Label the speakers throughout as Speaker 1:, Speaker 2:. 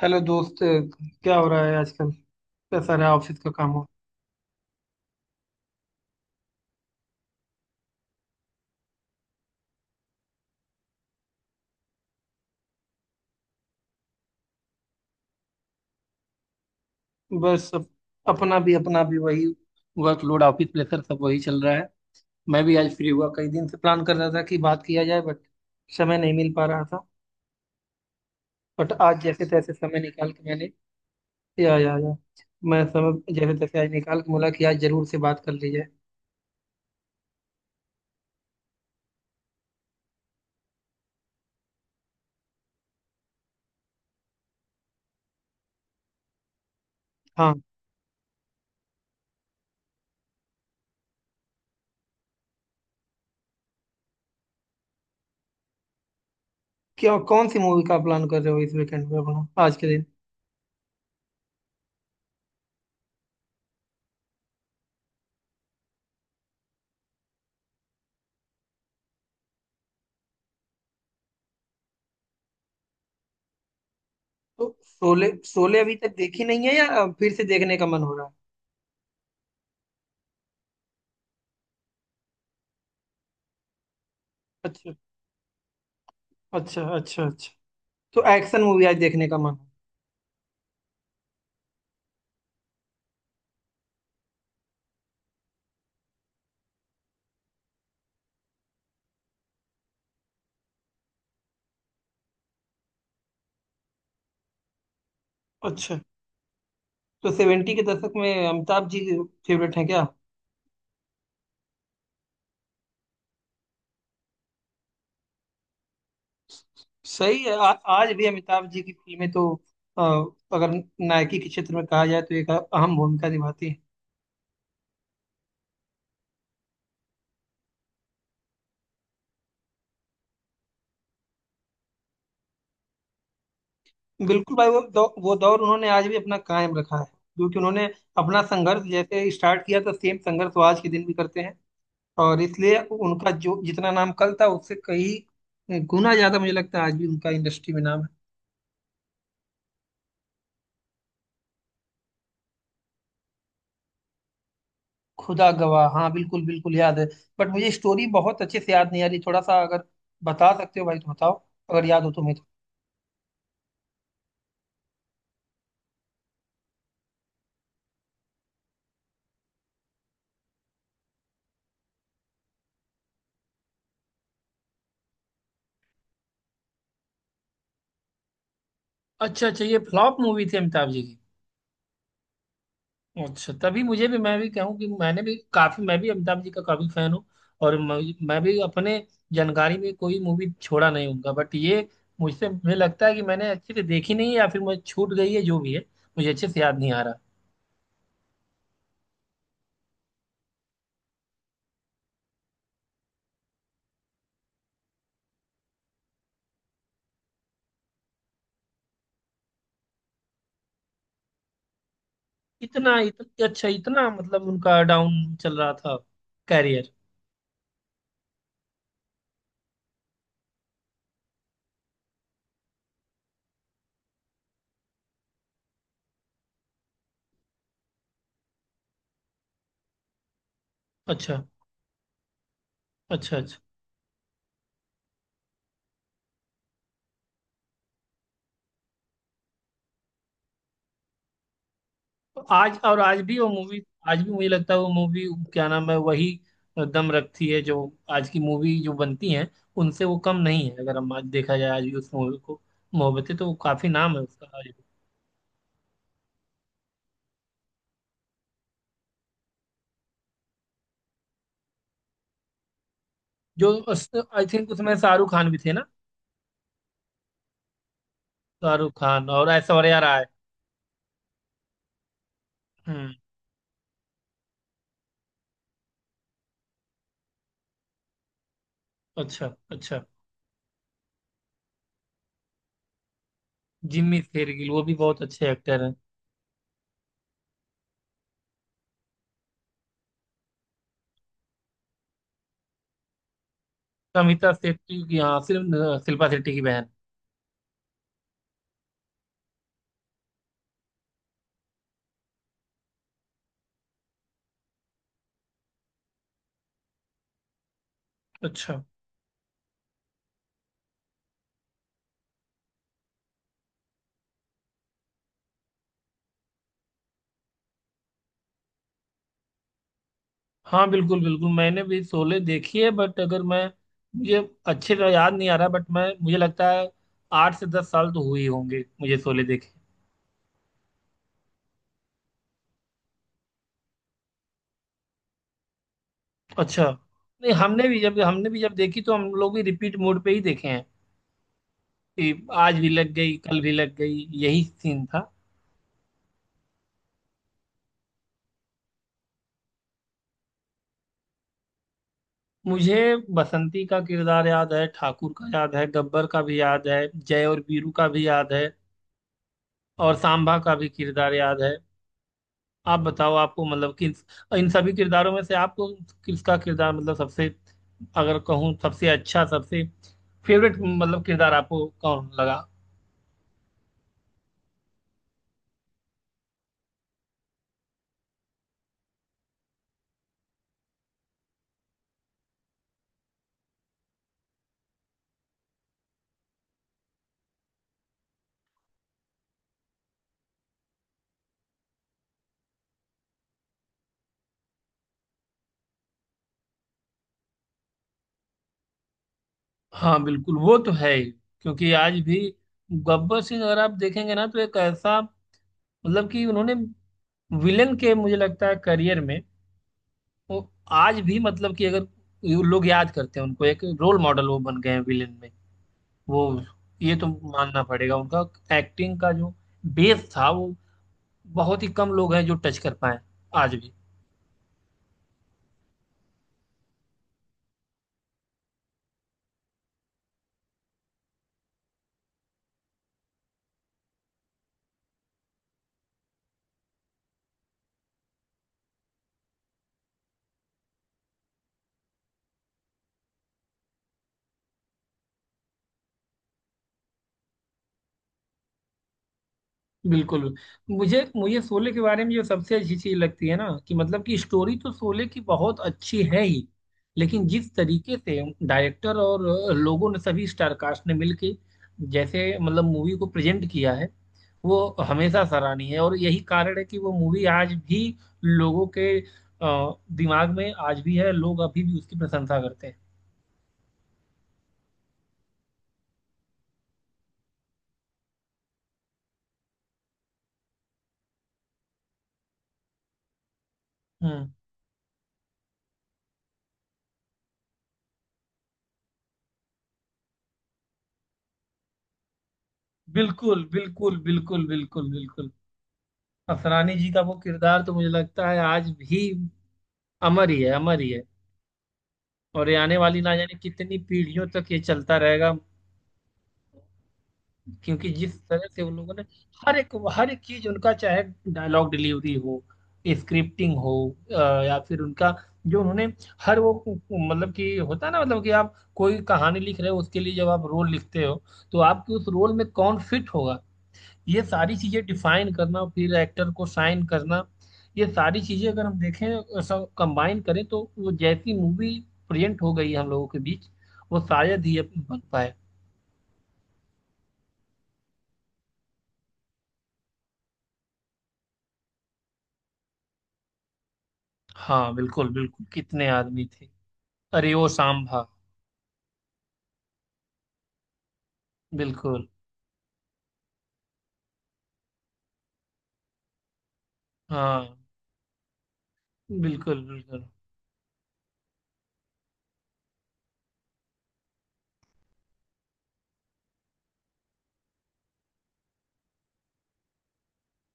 Speaker 1: Hello दोस्त। क्या हो रहा है आजकल? कैसा रहा ऑफिस का काम हो? बस, अपना भी वही वर्कलोड, ऑफिस प्रेशर, सब वही चल रहा है। मैं भी आज फ्री हुआ, कई दिन से प्लान कर रहा था कि बात किया जाए, बट समय नहीं मिल पा रहा था। बट आज जैसे तैसे समय निकाल के मैंने या मैं समय जैसे तैसे आज निकाल के बोला कि आज जरूर से बात कर ली जाए। हाँ। क्या कौन सी मूवी का प्लान कर रहे हो इस वीकेंड में, अपना आज के दिन? तो शोले शोले अभी तक देखी नहीं है या फिर से देखने का मन हो रहा है? अच्छा, अच्छा, अच्छा। अच्छा, तो एक्शन मूवी आज देखने का मन? अच्छा, तो सेवेंटी के दशक में अमिताभ जी फेवरेट हैं क्या? सही है। आज भी अमिताभ जी की फिल्में तो, अ, अगर नायकी के क्षेत्र में कहा जाए तो एक अहम भूमिका निभाती है। बिल्कुल भाई। वो दौर उन्होंने आज भी अपना कायम रखा है, क्योंकि उन्होंने अपना संघर्ष जैसे स्टार्ट किया था, सेम संघर्ष वो आज के दिन भी करते हैं। और इसलिए उनका जो जितना नाम कल था, उससे कई गुना ज्यादा मुझे लगता है आज भी उनका इंडस्ट्री में नाम। खुदा गवाह? हाँ, बिल्कुल बिल्कुल याद है। बट मुझे स्टोरी बहुत अच्छे से याद नहीं आ रही। थोड़ा सा अगर बता सकते हो भाई तो बताओ, अगर याद हो तुम्हें तो। अच्छा, अच्छा, ये फ्लॉप मूवी थी अमिताभ जी की? अच्छा, तभी मुझे भी मैं भी कहूँ कि मैं भी अमिताभ जी का काफी फैन हूँ। और मैं भी अपने जानकारी में कोई मूवी छोड़ा नहीं उनका। बट ये मुझसे मुझे लगता है कि मैंने अच्छे से देखी नहीं है या फिर मुझे छूट गई है, जो भी है। मुझे अच्छे से याद नहीं आ रहा। इतना इतना अच्छा, इतना मतलब उनका डाउन चल रहा था कैरियर? अच्छा, अच्छा, अच्छा। तो आज, और आज भी वो मूवी, आज भी मुझे लगता है वो मूवी, क्या नाम है वही, दम रखती है, जो आज की मूवी जो बनती हैं, उनसे वो कम नहीं है, अगर हम आज देखा जाए आज भी उस मूवी को। मोहब्बतें, तो वो काफी नाम है उसका आज भी। जो, आई थिंक उसमें शाहरुख खान भी थे ना? शाहरुख खान और ऐश्वर्या राय। हम्म। अच्छा, अच्छा। जिम्मी शेरगिल, वो भी बहुत अच्छे एक्टर हैं। समिता शेट्टी की, हाँ, सिर्फ शिल्पा शेट्टी की बहन। अच्छा। हाँ, बिल्कुल बिल्कुल मैंने भी शोले देखी है। बट अगर मैं, मुझे अच्छे से याद नहीं आ रहा, बट मैं, मुझे लगता है 8 से 10 साल तो हुई होंगे मुझे शोले देखे। अच्छा। नहीं, हमने भी जब देखी तो हम लोग भी रिपीट मोड पे ही देखे हैं, कि आज भी लग गई कल भी लग गई, यही सीन था। मुझे बसंती का किरदार याद है, ठाकुर का याद है, गब्बर का भी याद है, जय और वीरू का भी याद है, और सांबा का भी किरदार याद है। आप बताओ, आपको मतलब कि इन सभी किरदारों में से आपको किसका किरदार, मतलब सबसे, अगर कहूँ सबसे अच्छा, सबसे फेवरेट, मतलब किरदार आपको कौन लगा? हाँ बिल्कुल, वो तो है ही। क्योंकि आज भी गब्बर सिंह अगर आप देखेंगे ना, तो एक ऐसा, मतलब कि उन्होंने विलन के, मुझे लगता है करियर में, वो आज भी, मतलब कि अगर ये लोग याद करते हैं उनको, एक रोल मॉडल वो बन गए हैं विलन में, वो, ये तो मानना पड़ेगा उनका एक्टिंग का जो बेस था, वो बहुत ही कम लोग हैं जो टच कर पाए आज भी। बिल्कुल। मुझे मुझे शोले के बारे में जो सबसे अच्छी चीज लगती है ना, कि मतलब कि स्टोरी तो शोले की बहुत अच्छी है ही, लेकिन जिस तरीके से डायरेक्टर और लोगों ने, सभी स्टार कास्ट ने मिलके, जैसे मतलब मूवी को प्रेजेंट किया है, वो हमेशा सराहनीय है, और यही कारण है कि वो मूवी आज भी लोगों के दिमाग में आज भी है, लोग अभी भी उसकी प्रशंसा करते हैं। हम्म। बिल्कुल, बिल्कुल, बिल्कुल, बिल्कुल, बिल्कुल। असरानी जी का वो किरदार तो मुझे लगता है आज भी अमर ही है, अमर ही है। और ये आने वाली ना जाने कितनी पीढ़ियों तक ये चलता रहेगा, क्योंकि जिस तरह से उन लोगों ने हर एक चीज, उनका, चाहे डायलॉग डिलीवरी हो, स्क्रिप्टिंग हो, या फिर उनका जो उन्होंने, हर वो मतलब कि होता है ना, मतलब कि आप कोई कहानी लिख रहे हो, उसके लिए जब आप रोल लिखते हो, तो आपके उस रोल में कौन फिट होगा, ये सारी चीजें डिफाइन करना, फिर एक्टर को साइन करना, ये सारी चीजें अगर हम देखें सब कंबाइन करें, तो वो जैसी मूवी प्रेजेंट हो गई है हम लोगों के बीच, वो शायद ही अब बन पाए। हाँ बिल्कुल, बिल्कुल कितने आदमी थे। अरे ओ सांभा। बिल्कुल। हाँ, बिल्कुल बिल्कुल।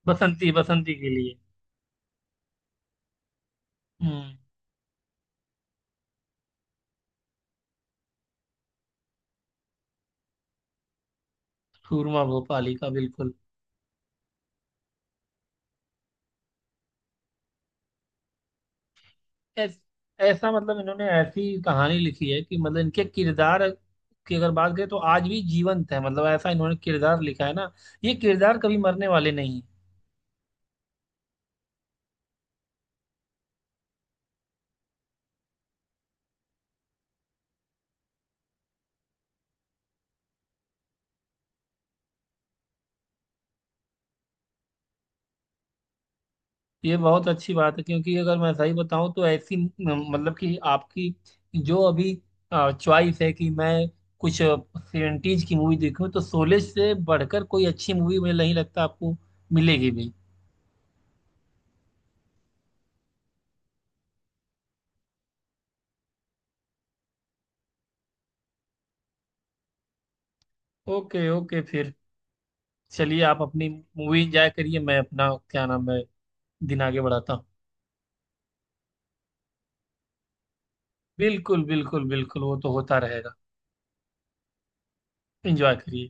Speaker 1: बसंती, बसंती के लिए। हम्म। सूरमा भोपाली का, बिल्कुल। ऐस, ऐसा मतलब इन्होंने ऐसी कहानी लिखी है कि मतलब इनके किरदार की अगर बात करें तो आज भी जीवंत है, मतलब ऐसा इन्होंने किरदार लिखा है ना, ये किरदार कभी मरने वाले नहीं। ये बहुत अच्छी बात है, क्योंकि अगर मैं सही बताऊं तो ऐसी मतलब कि आपकी जो अभी चॉइस है कि मैं कुछ सेवेंटीज की मूवी देखूं, तो शोले से बढ़कर कोई अच्छी मूवी मुझे नहीं लगता आपको मिलेगी भी। ओके, ओके, फिर चलिए आप अपनी मूवी एंजॉय करिए, मैं अपना क्या नाम है दिन आगे बढ़ाता हूँ। बिल्कुल, बिल्कुल, बिल्कुल, वो तो होता रहेगा। एंजॉय करिए।